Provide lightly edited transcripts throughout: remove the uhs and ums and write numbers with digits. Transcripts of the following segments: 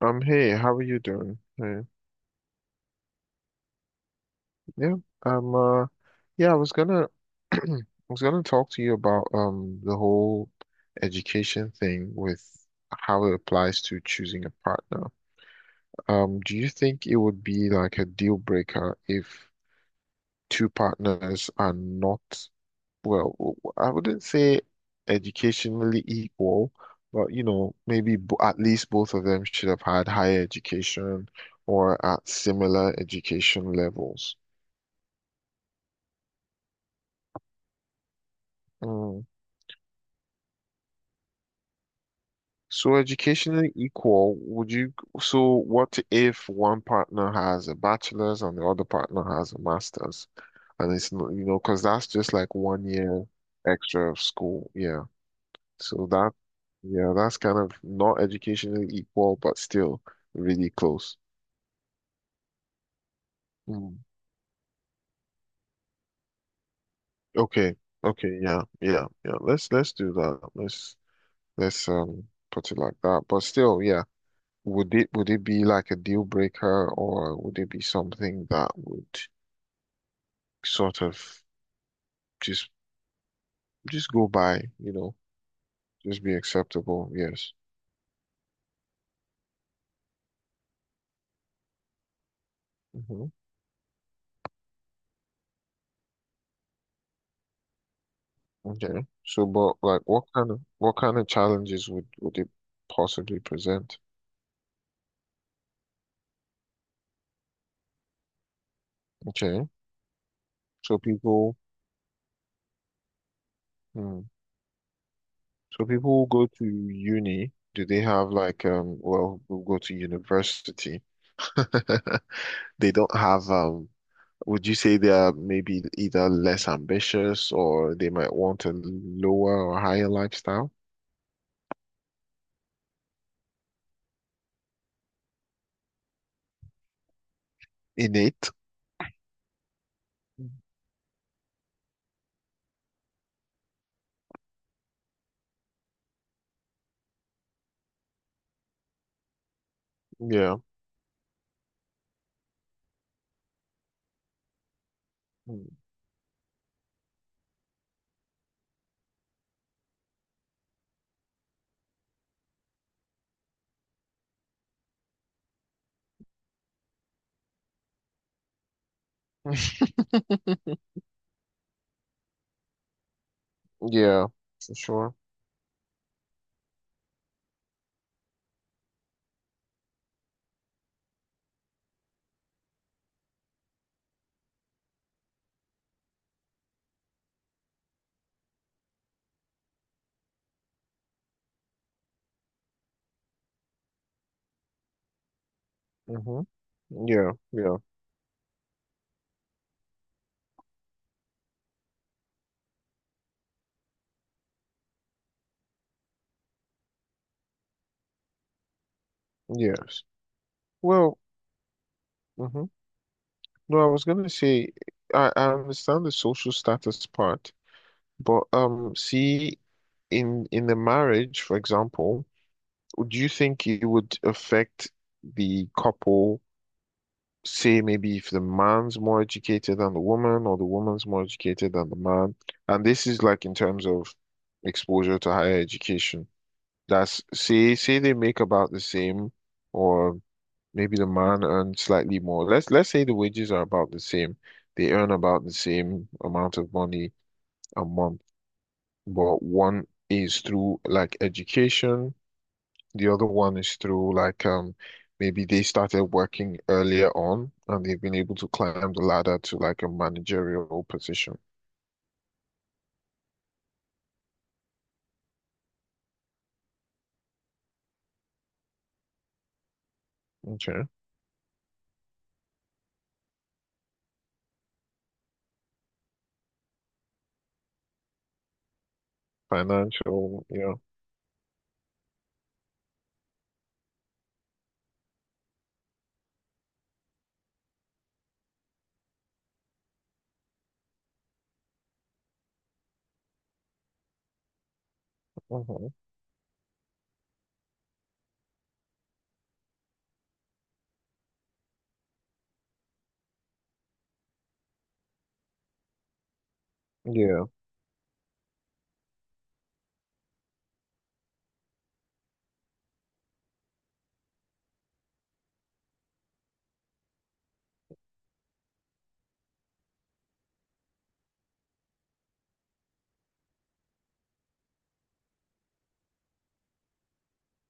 Hey, how are you doing? Hey, yeah, um, uh, yeah, I was gonna talk to you about the whole education thing with how it applies to choosing a partner. Do you think it would be like a deal breaker if two partners are not? Well, I wouldn't say educationally equal, but maybe b at least both of them should have had higher education or at similar education levels. Mm. So educationally equal, so what if one partner has a bachelor's and the other partner has a master's? And it's not, because that's just like one year extra of school. Yeah. So that, yeah, that's kind of not educationally equal, but still really close. Mm. Okay, okay, yeah, yeah, yeah. Let's do that. Let's put it like that. But still, yeah. Would it be like a deal breaker, or would it be something that would sort of just just go by, just be acceptable? Yes. Hmm. Okay. So, but like, what kind of challenges would it possibly present? Okay. So people, hmm. So people who go to uni. Do they have like? Well, who go to university. They don't have. Would you say they are maybe either less ambitious or they might want a lower or higher lifestyle? Innate. Yeah. Hmm. Yeah, for sure. Hmm. Yeah, yeah, yes. Well, hmm no, I was gonna say I understand the social status part, but see, in the marriage, for example, do you think it would affect the couple? Say maybe if the man's more educated than the woman, or the woman's more educated than the man, and this is like in terms of exposure to higher education. That's say say they make about the same, or maybe the man earns slightly more. Let's say the wages are about the same. They earn about the same amount of money a month. But one is through like education, the other one is through like maybe they started working earlier on and they've been able to climb the ladder to like a managerial position. Okay. Financial, yeah. Hmm. Yeah.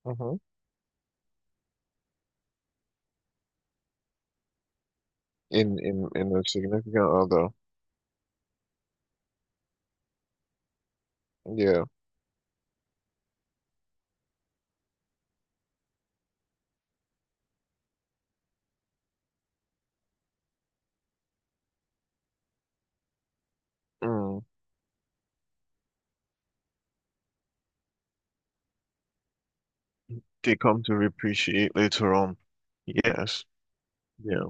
hmm in a significant other. Yeah. Mm. They come to appreciate later on. Yes. Yeah.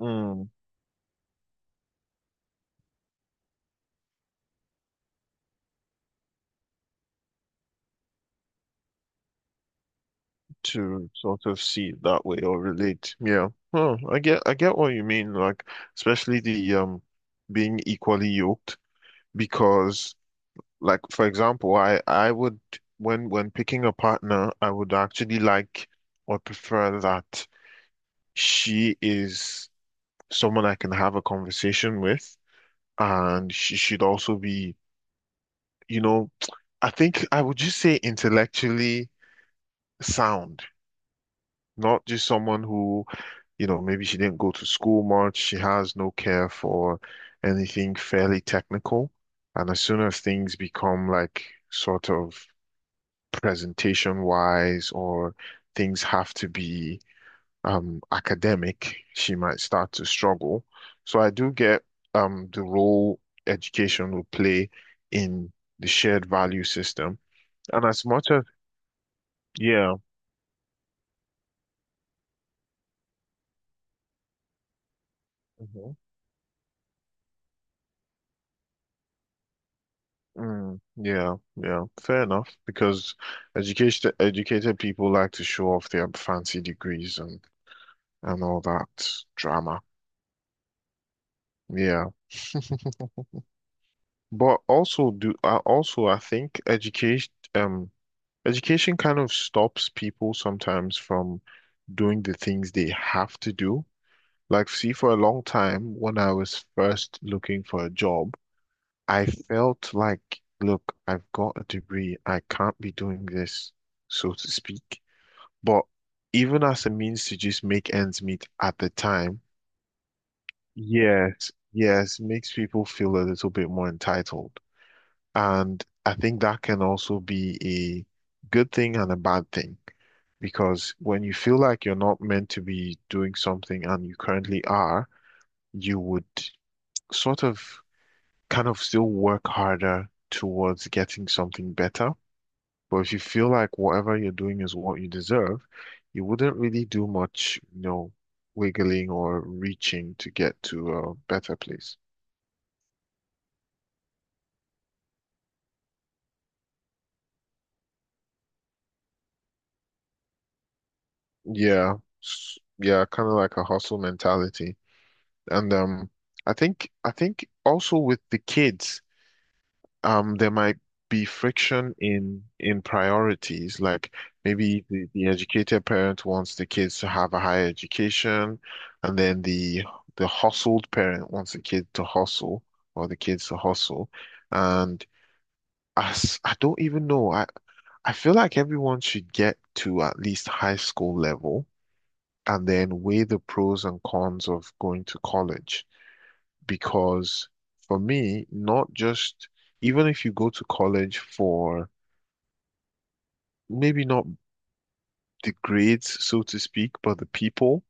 Mm. To sort of see it that way or relate. Yeah. Huh. I get what you mean, like especially the being equally yoked because like for example, I would when picking a partner, I would actually like or prefer that she is someone I can have a conversation with, and she should also be, you know, I think I would just say intellectually sound, not just someone who, maybe she didn't go to school much. She has no care for anything fairly technical. And as soon as things become like sort of presentation wise, or things have to be academic, she might start to struggle. So I do get the role education will play in the shared value system. And as much as, Yeah. Mhm. Mm, yeah, yeah, fair enough. Because educated people like to show off their fancy degrees and all that drama. Yeah, but also I think um education kind of stops people sometimes from doing the things they have to do. Like, see, for a long time when I was first looking for a job, I felt like, look, I've got a degree. I can't be doing this, so to speak. But even as a means to just make ends meet at the time, yes, yes, makes people feel a little bit more entitled. And I think that can also be a good thing and a bad thing, because when you feel like you're not meant to be doing something and you currently are, you would sort of kind of still work harder towards getting something better. But if you feel like whatever you're doing is what you deserve, you wouldn't really do much, wiggling or reaching to get to a better place. Yeah, yeah, kind of like a hustle mentality. And I think also with the kids. There might be friction in priorities, like maybe the educated parent wants the kids to have a higher education, and then the hustled parent wants the kid to hustle, or the kids to hustle, and as I don't even know, I feel like everyone should get to at least high school level and then weigh the pros and cons of going to college, because for me, not just even if you go to college for maybe not the grades, so to speak, but the people.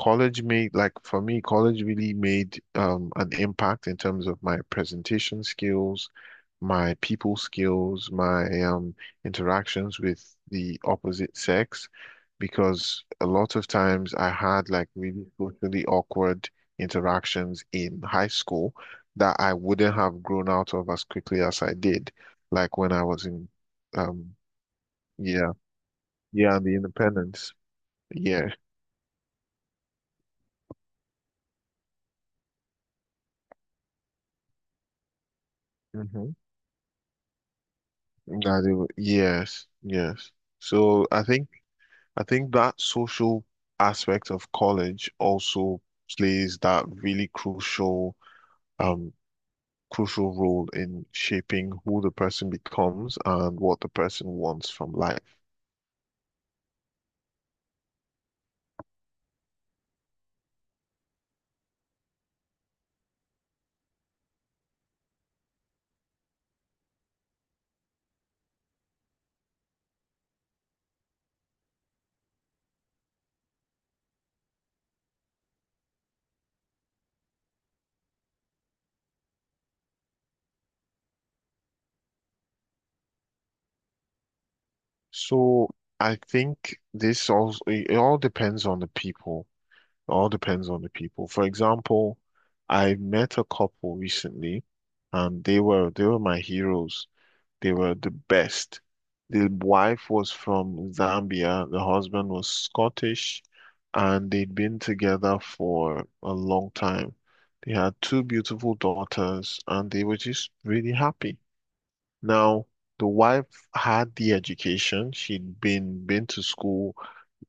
Like for me, college really made an impact in terms of my presentation skills, my people skills, my interactions with the opposite sex, because a lot of times I had like really socially awkward interactions in high school that I wouldn't have grown out of as quickly as I did. Like when I was in um, year, yeah, and the independence. Yeah. Mm-hmm. Yes, yes. So I think that social aspect of college also plays that really um crucial role in shaping who the person becomes and what the person wants from life. So I think this also, it all depends on the people. It all depends on the people. For example, I met a couple recently, and they were my heroes. They were the best. The wife was from Zambia, the husband was Scottish, and they'd been together for a long time. They had two beautiful daughters, and they were just really happy. Now, the wife had the education. She'd been to school,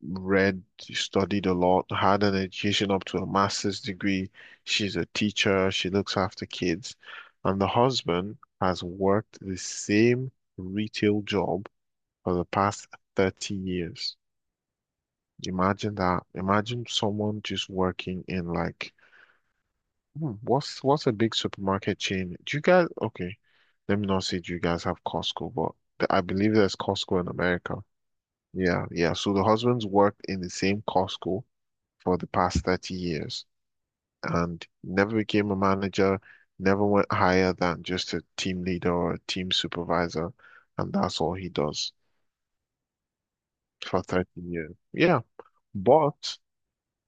read, studied a lot, had an education up to a master's degree. She's a teacher, she looks after kids. And the husband has worked the same retail job for the past 30 years. Imagine that. Imagine someone just working in like what's a big supermarket chain? Do you guys Okay, let me not say, do you guys have Costco? But I believe there's Costco in America. Yeah, yeah. So the husband's worked in the same Costco for the past 30 years and never became a manager, never went higher than just a team leader or a team supervisor. And that's all he does for 30 years. Yeah. But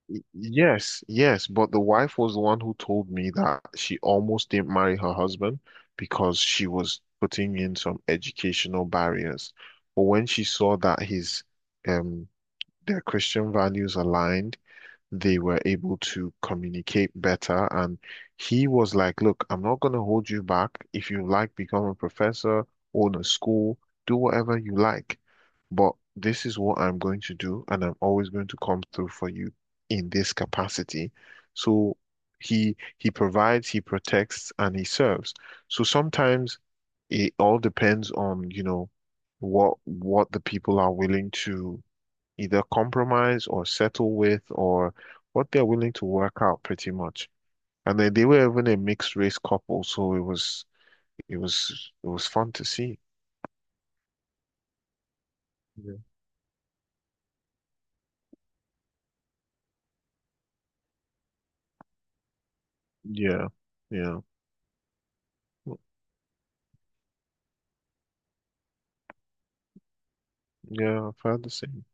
yes, yes. But the wife was the one who told me that she almost didn't marry her husband because she was putting in some educational barriers. But when she saw that um, their Christian values aligned, they were able to communicate better. And he was like, "Look, I'm not going to hold you back. If you like, become a professor, own a school, do whatever you like. But this is what I'm going to do, and I'm always going to come through for you in this capacity." So he provides, he protects, and he serves. So sometimes it all depends on, what the people are willing to either compromise or settle with, or what they're willing to work out pretty much. And then they were even a mixed race couple, so it was it was fun to see. Yeah. Yeah, yeah, yeah. I've heard the same.